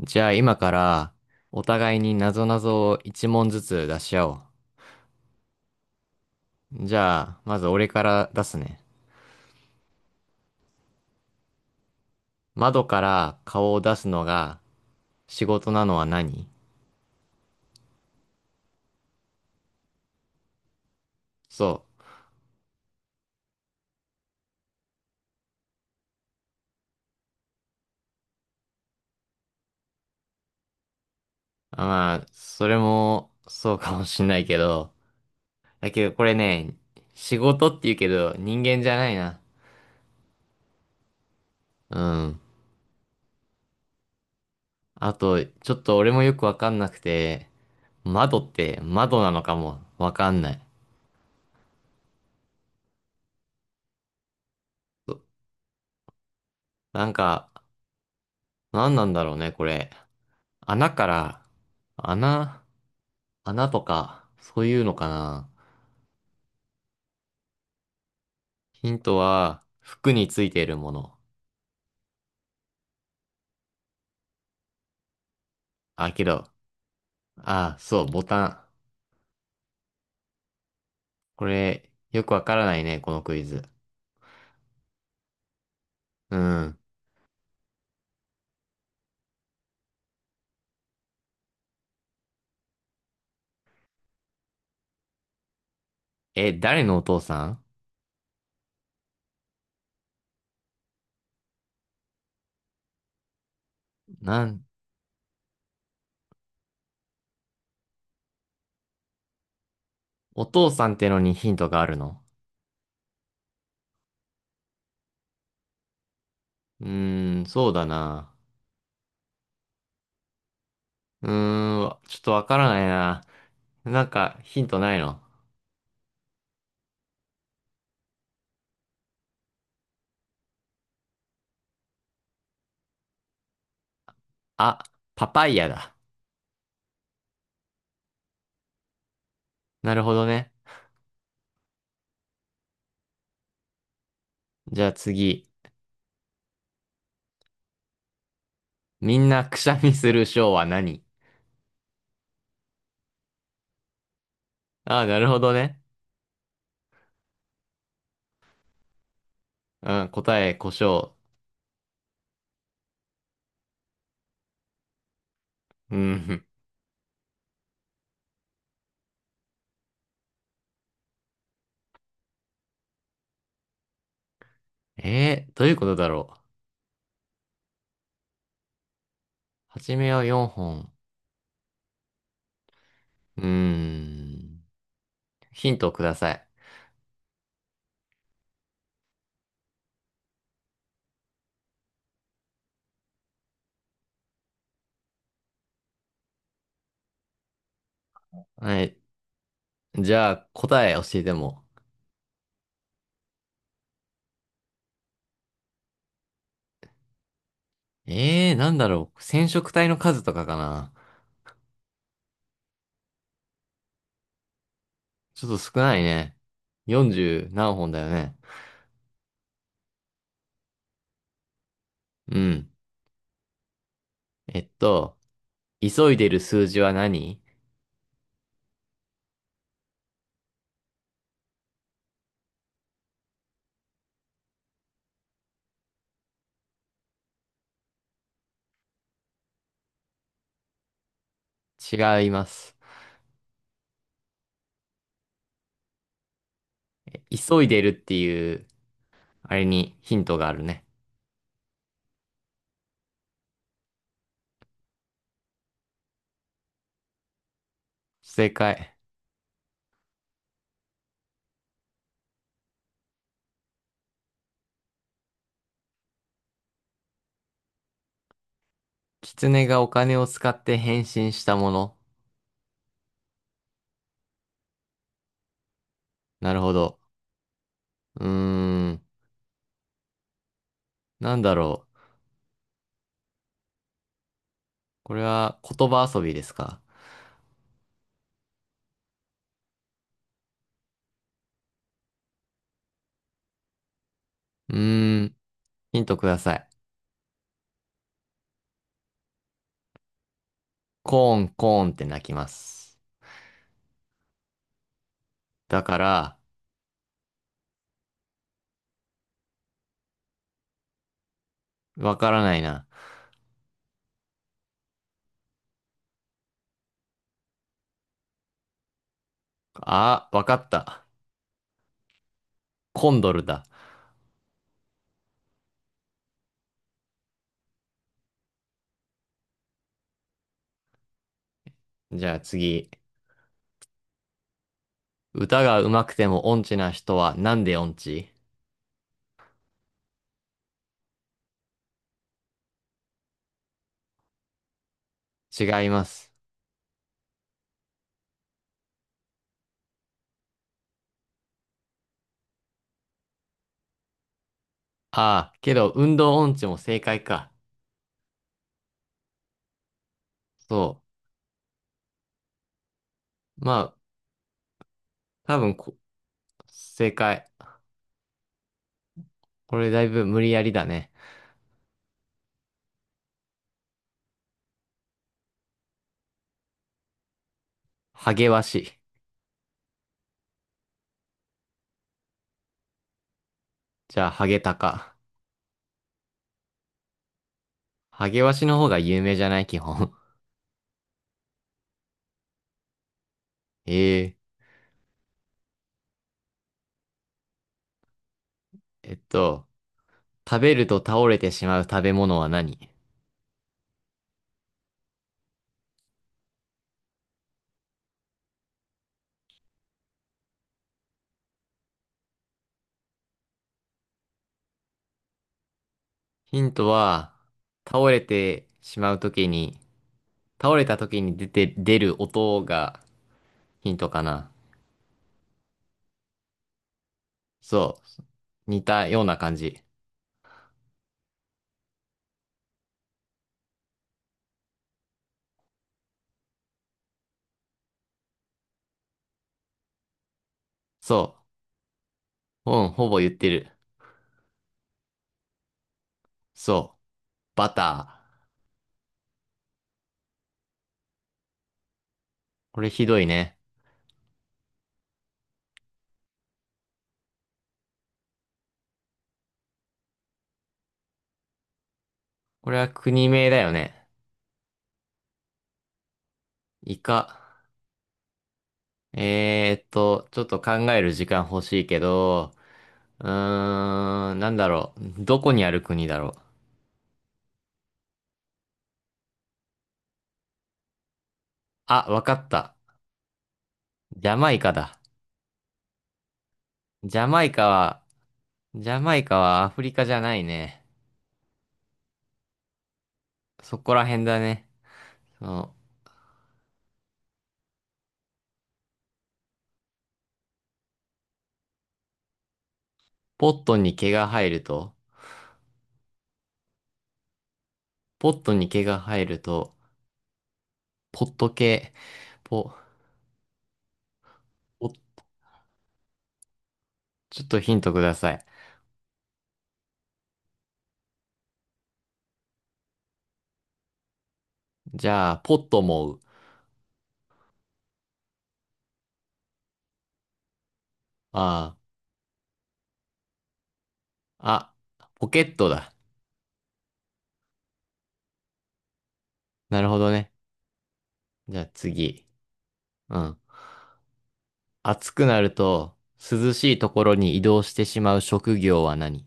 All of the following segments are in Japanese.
じゃあ今からお互いになぞなぞを一問ずつ出し合おう。じゃあ、まず俺から出すね。窓から顔を出すのが仕事なのは何？そう。まあ、それもそうかもしんないけど。だけどこれね、仕事って言うけど人間じゃないな。うん。あと、ちょっと俺もよくわかんなくて、窓って窓なのかもわかんない。なんか、何なんだろうね、これ。穴から、穴、穴とか、そういうのかな。ヒントは、服についているもの。あ、けど、あ、そう、ボタン。これ、よくわからないね、このクイズ。うん。え、誰のお父さん？なん、お父さんってのにヒントがあるの？そうだな。ちょっとわからないな。なんか、ヒントないの？あ、パパイヤだ。なるほどね。じゃあ次。みんなくしゃみするショーは何？ああ、なるほどね。うん、答え、胡椒。うん。どういうことだろう。はじめは4本。うーん。ヒントをください。はい。じゃあ、答え教えても。なんだろう。染色体の数とかかな。ちょっと少ないね。40何本だよね。うん。えっと、急いでる数字は何？違います。急いでるっていう、あれにヒントがあるね。正解。狐がお金を使って変身したもの。なるほど。うーん。なんだろう。これは言葉遊びですか？うーん。ヒントください。コーン、コーンって鳴きます。だから、わからないな。あ、わかった。コンドルだ。じゃあ次。歌が上手くても音痴な人はなんで音痴？違います。ああ、けど運動音痴も正解か。そう。まあ、多分こ、正解。これだいぶ無理やりだね。ハゲワシ。じゃあ、ハゲタカ。ハゲワシの方が有名じゃない基本？ええ。えっと、食べると倒れてしまう食べ物は何？ヒントは、倒れてしまうときに、倒れたときに出て、出る音が、ヒントかな。そう。似たような感じ。そう。うん、ほぼ言ってる。そう。バター。これひどいね。これは国名だよね。イカ。えーっと、ちょっと考える時間欲しいけど、うーん、なんだろう。どこにある国だろう。あ、わかった。ジャマイカだ。ジャマイカは、ジャマイカはアフリカじゃないね。そこら辺だね。その、ポットに毛が生えると、ポットに毛が生えると、ポット系、ポ、ポ、ちょっとヒントください。じゃあ、ポットもう。ああ、ポケットだ。なるほどね。じゃあ次。うん。暑くなると、涼しいところに移動してしまう職業は何？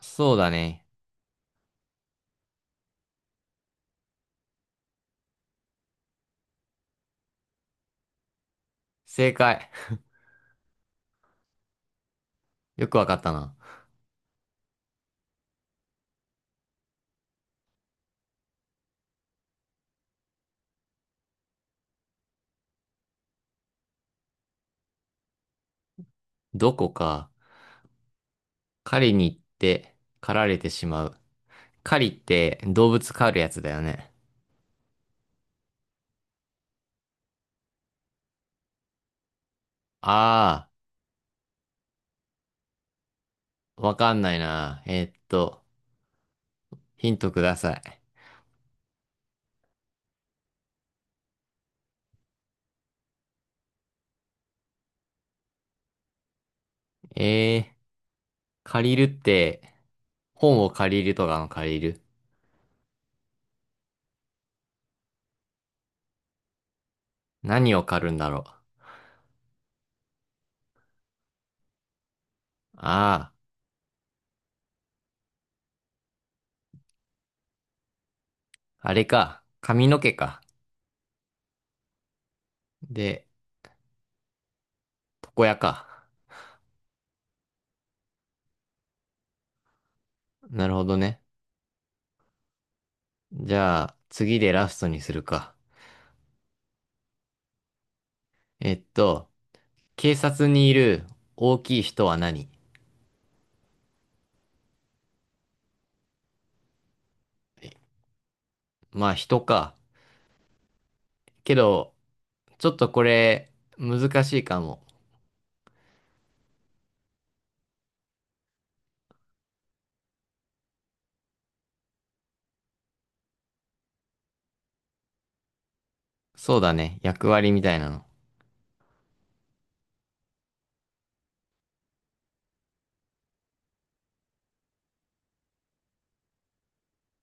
そうだね。正解。よくわかったな。どこか、狩りに行って、狩られてしまう。狩りって動物狩るやつだよね。ああ、わかんないな。えーっと、ヒントください。えー、借りるって、本を借りるとかの借りる。何を借るんだろう。ああ、あれか。髪の毛か。で、床屋か。なるほどね。じゃあ、次でラストにするか。えっと、警察にいる大きい人は何？え、まあ人か。けど、ちょっとこれ難しいかも。そうだね。役割みたいなの。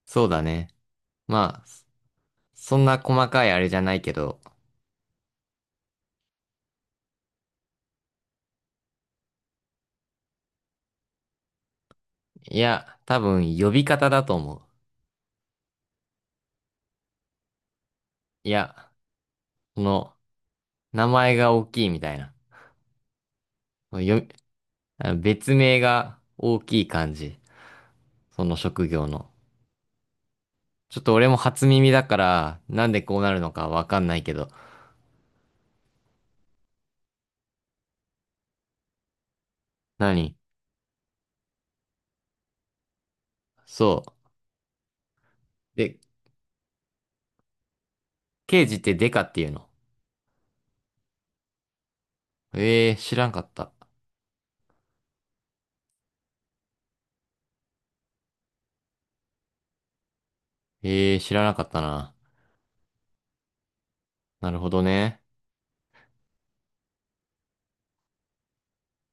そうだね。まあ、そそんな細かいあれじゃないけど。いや、多分呼び方だと思う。いや、この名前が大きいみたいな。よ、あの別名が大きい感じ。その職業の。ちょっと俺も初耳だから、なんでこうなるのかわかんないけど。何？そう。で、刑事ってデカっていうの？ええー、知らんかった。ええー、知らなかったな。なるほどね。